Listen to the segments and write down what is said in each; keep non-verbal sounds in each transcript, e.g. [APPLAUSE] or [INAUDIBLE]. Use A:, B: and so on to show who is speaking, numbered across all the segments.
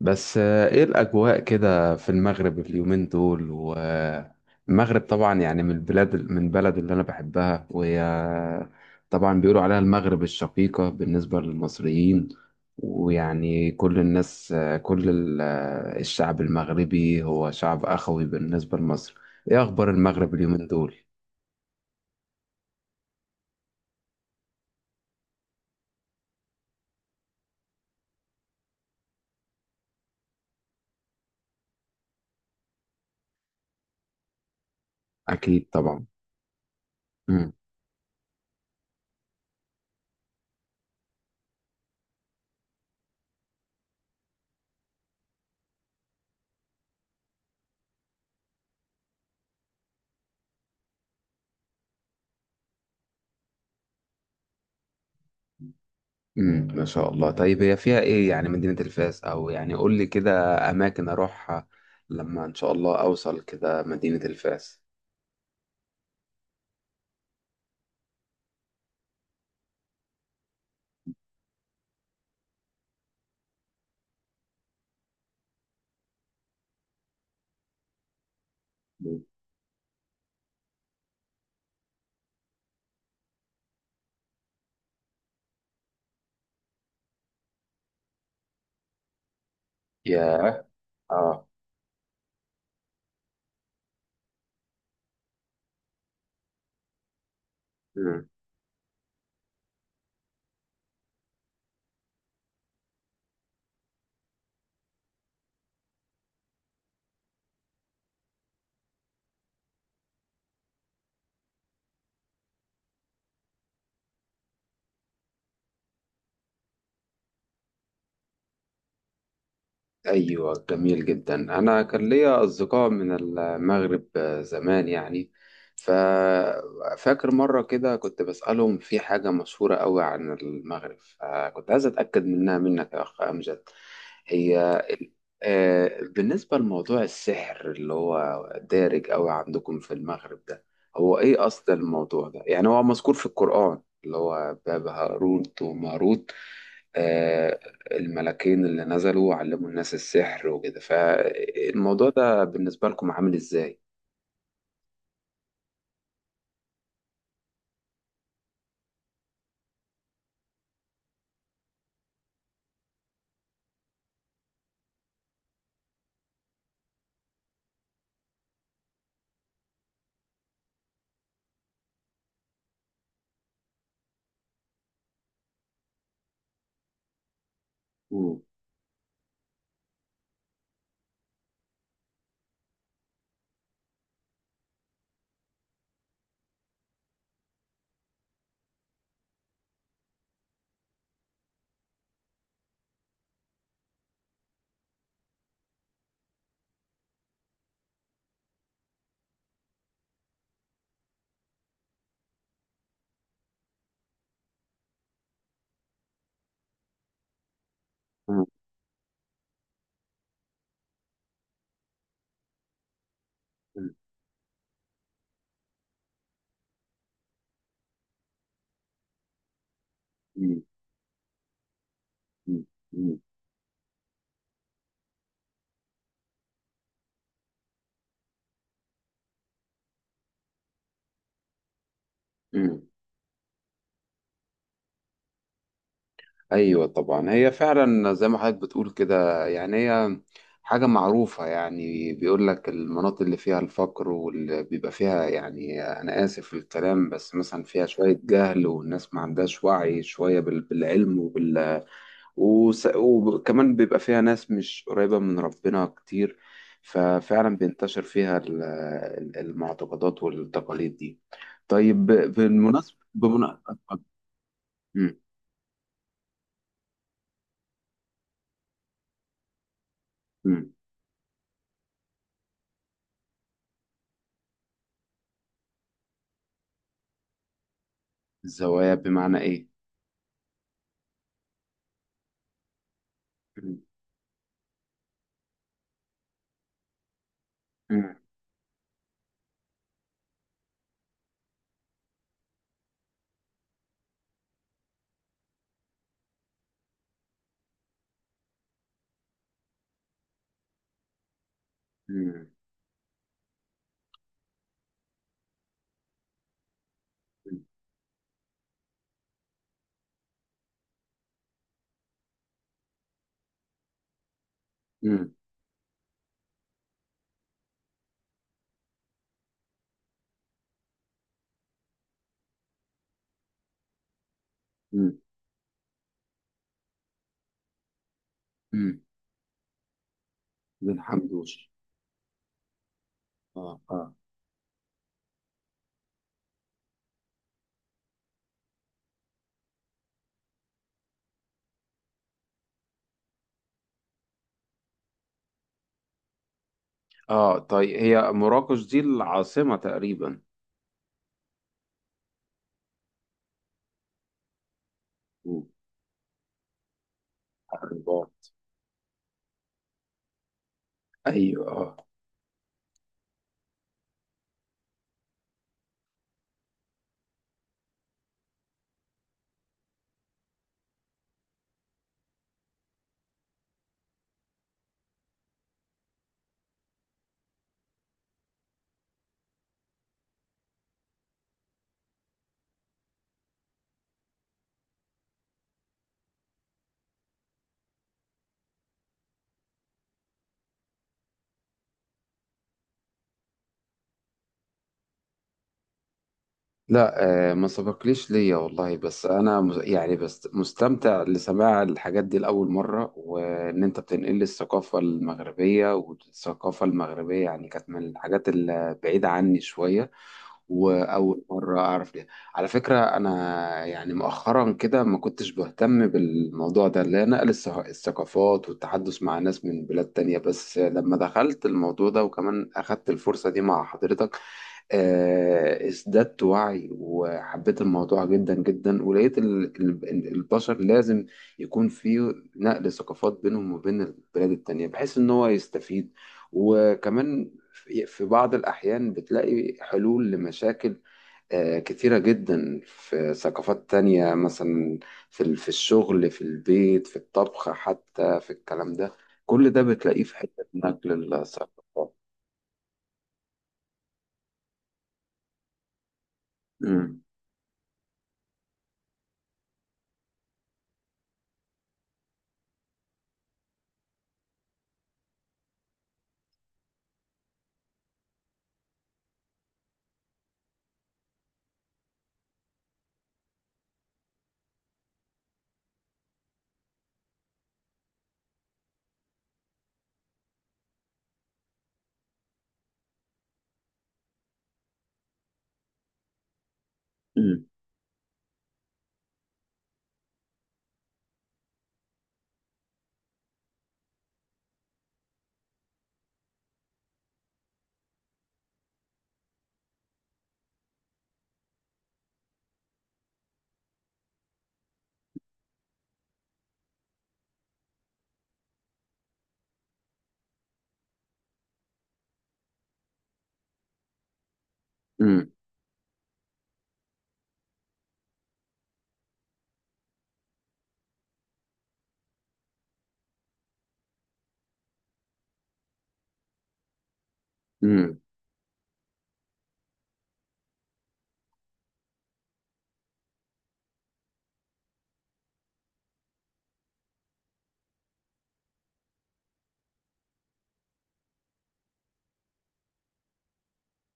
A: بس ايه الاجواء كده في المغرب اليومين دول؟ والمغرب طبعا يعني من البلاد، من بلد اللي انا بحبها. وهي طبعا بيقولوا عليها المغرب الشقيقة بالنسبة للمصريين. ويعني كل الناس، آه، كل ال- آه، الشعب المغربي هو شعب اخوي بالنسبة لمصر. ايه اخبار المغرب اليومين دول؟ اكيد طبعا. ما شاء الله. طيب هي فيها ايه يعني مدينة الفاس؟ او يعني قول لي كده اماكن اروحها لما ان شاء الله اوصل كده مدينة الفاس. ياه. اه. امم. ايوه جميل جدا. انا كان ليا اصدقاء من المغرب زمان يعني، ففاكر مره كده كنت بسالهم في حاجه مشهوره قوي عن المغرب، فكنت عايز اتاكد منها منك يا اخ امجد. هي بالنسبه لموضوع السحر اللي هو دارج قوي عندكم في المغرب ده، هو ايه اصل الموضوع ده؟ يعني هو مذكور في القران، اللي هو باب هاروت وماروت. آه، الملكين اللي نزلوا علموا الناس السحر وكده، فالموضوع ده بالنسبة لكم عامل ازاي؟ مم. مم. مم. مم. مم. مم. ايوه طبعا، هي فعلا زي ما حضرتك بتقول كده، يعني هي حاجة معروفة. يعني بيقول لك المناطق اللي فيها الفقر واللي بيبقى فيها، يعني أنا آسف في الكلام، بس مثلا فيها شوية جهل والناس ما عندهاش وعي شوية بالعلم، وكمان بيبقى فيها ناس مش قريبة من ربنا كتير، ففعلا بينتشر فيها المعتقدات والتقاليد دي. طيب بالمناسبة [LAUGHS] مم. مم. الزوايا بمعنى إيه؟ مم. مم. مم. مم. مم. مم. بن حمدوش. آه، آه. آه طيب، هي مراكش دي العاصمة تقريبا؟ مم. الرباط. أيوه آه. لا. ما سبقليش ليا والله، بس انا يعني بس مستمتع لسماع الحاجات دي لاول مره، وان انت بتنقل لي الثقافه المغربيه، والثقافه المغربيه يعني كانت من الحاجات البعيده عني شويه، واول مره اعرف ليها. على فكره انا يعني مؤخرا كده ما كنتش بهتم بالموضوع ده، اللي هي نقل الثقافات والتحدث مع ناس من بلاد تانية، بس لما دخلت الموضوع ده وكمان اخدت الفرصه دي مع حضرتك، ازددت وعي وحبيت الموضوع جدا جدا، ولقيت البشر لازم يكون في نقل ثقافات بينهم وبين البلاد التانية، بحيث ان هو يستفيد. وكمان في بعض الأحيان بتلاقي حلول لمشاكل كتيرة جدا في ثقافات تانية. مثلا في الشغل، في البيت، في الطبخ، حتى في الكلام ده، كل ده بتلاقيه في حتة نقل الثقافات. مم. مم. مم. مم.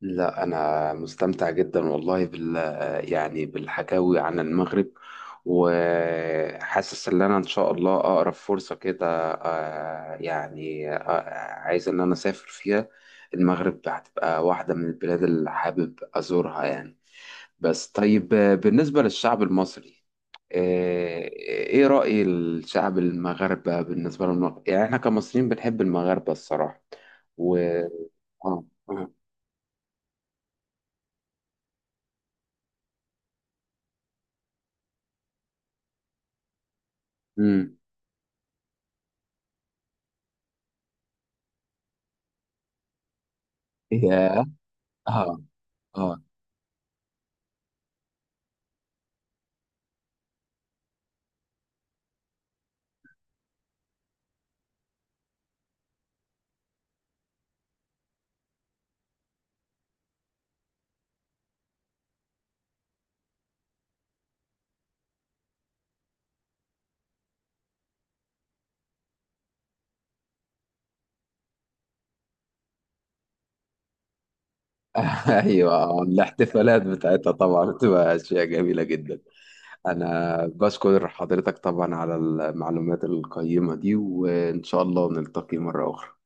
A: لا أنا مستمتع جدا والله يعني بالحكاوي عن المغرب، وحاسس إن أنا إن شاء الله أقرب فرصة كده آه، يعني آه، عايز إن أنا أسافر فيها. المغرب هتبقى واحدة من البلاد اللي حابب أزورها يعني. بس طيب، بالنسبة للشعب المصري، آه، إيه رأي الشعب المغاربة بالنسبة للمغرب؟ يعني إحنا كمصريين بنحب المغاربة الصراحة. و آه، آه. مم. اه. اه. [LAUGHS] ايوه آه. الاحتفالات بتاعتها طبعا بتبقى اشياء جميله جدا. انا بشكر حضرتك طبعا على المعلومات القيمه دي، وان شاء الله نلتقي مره اخرى.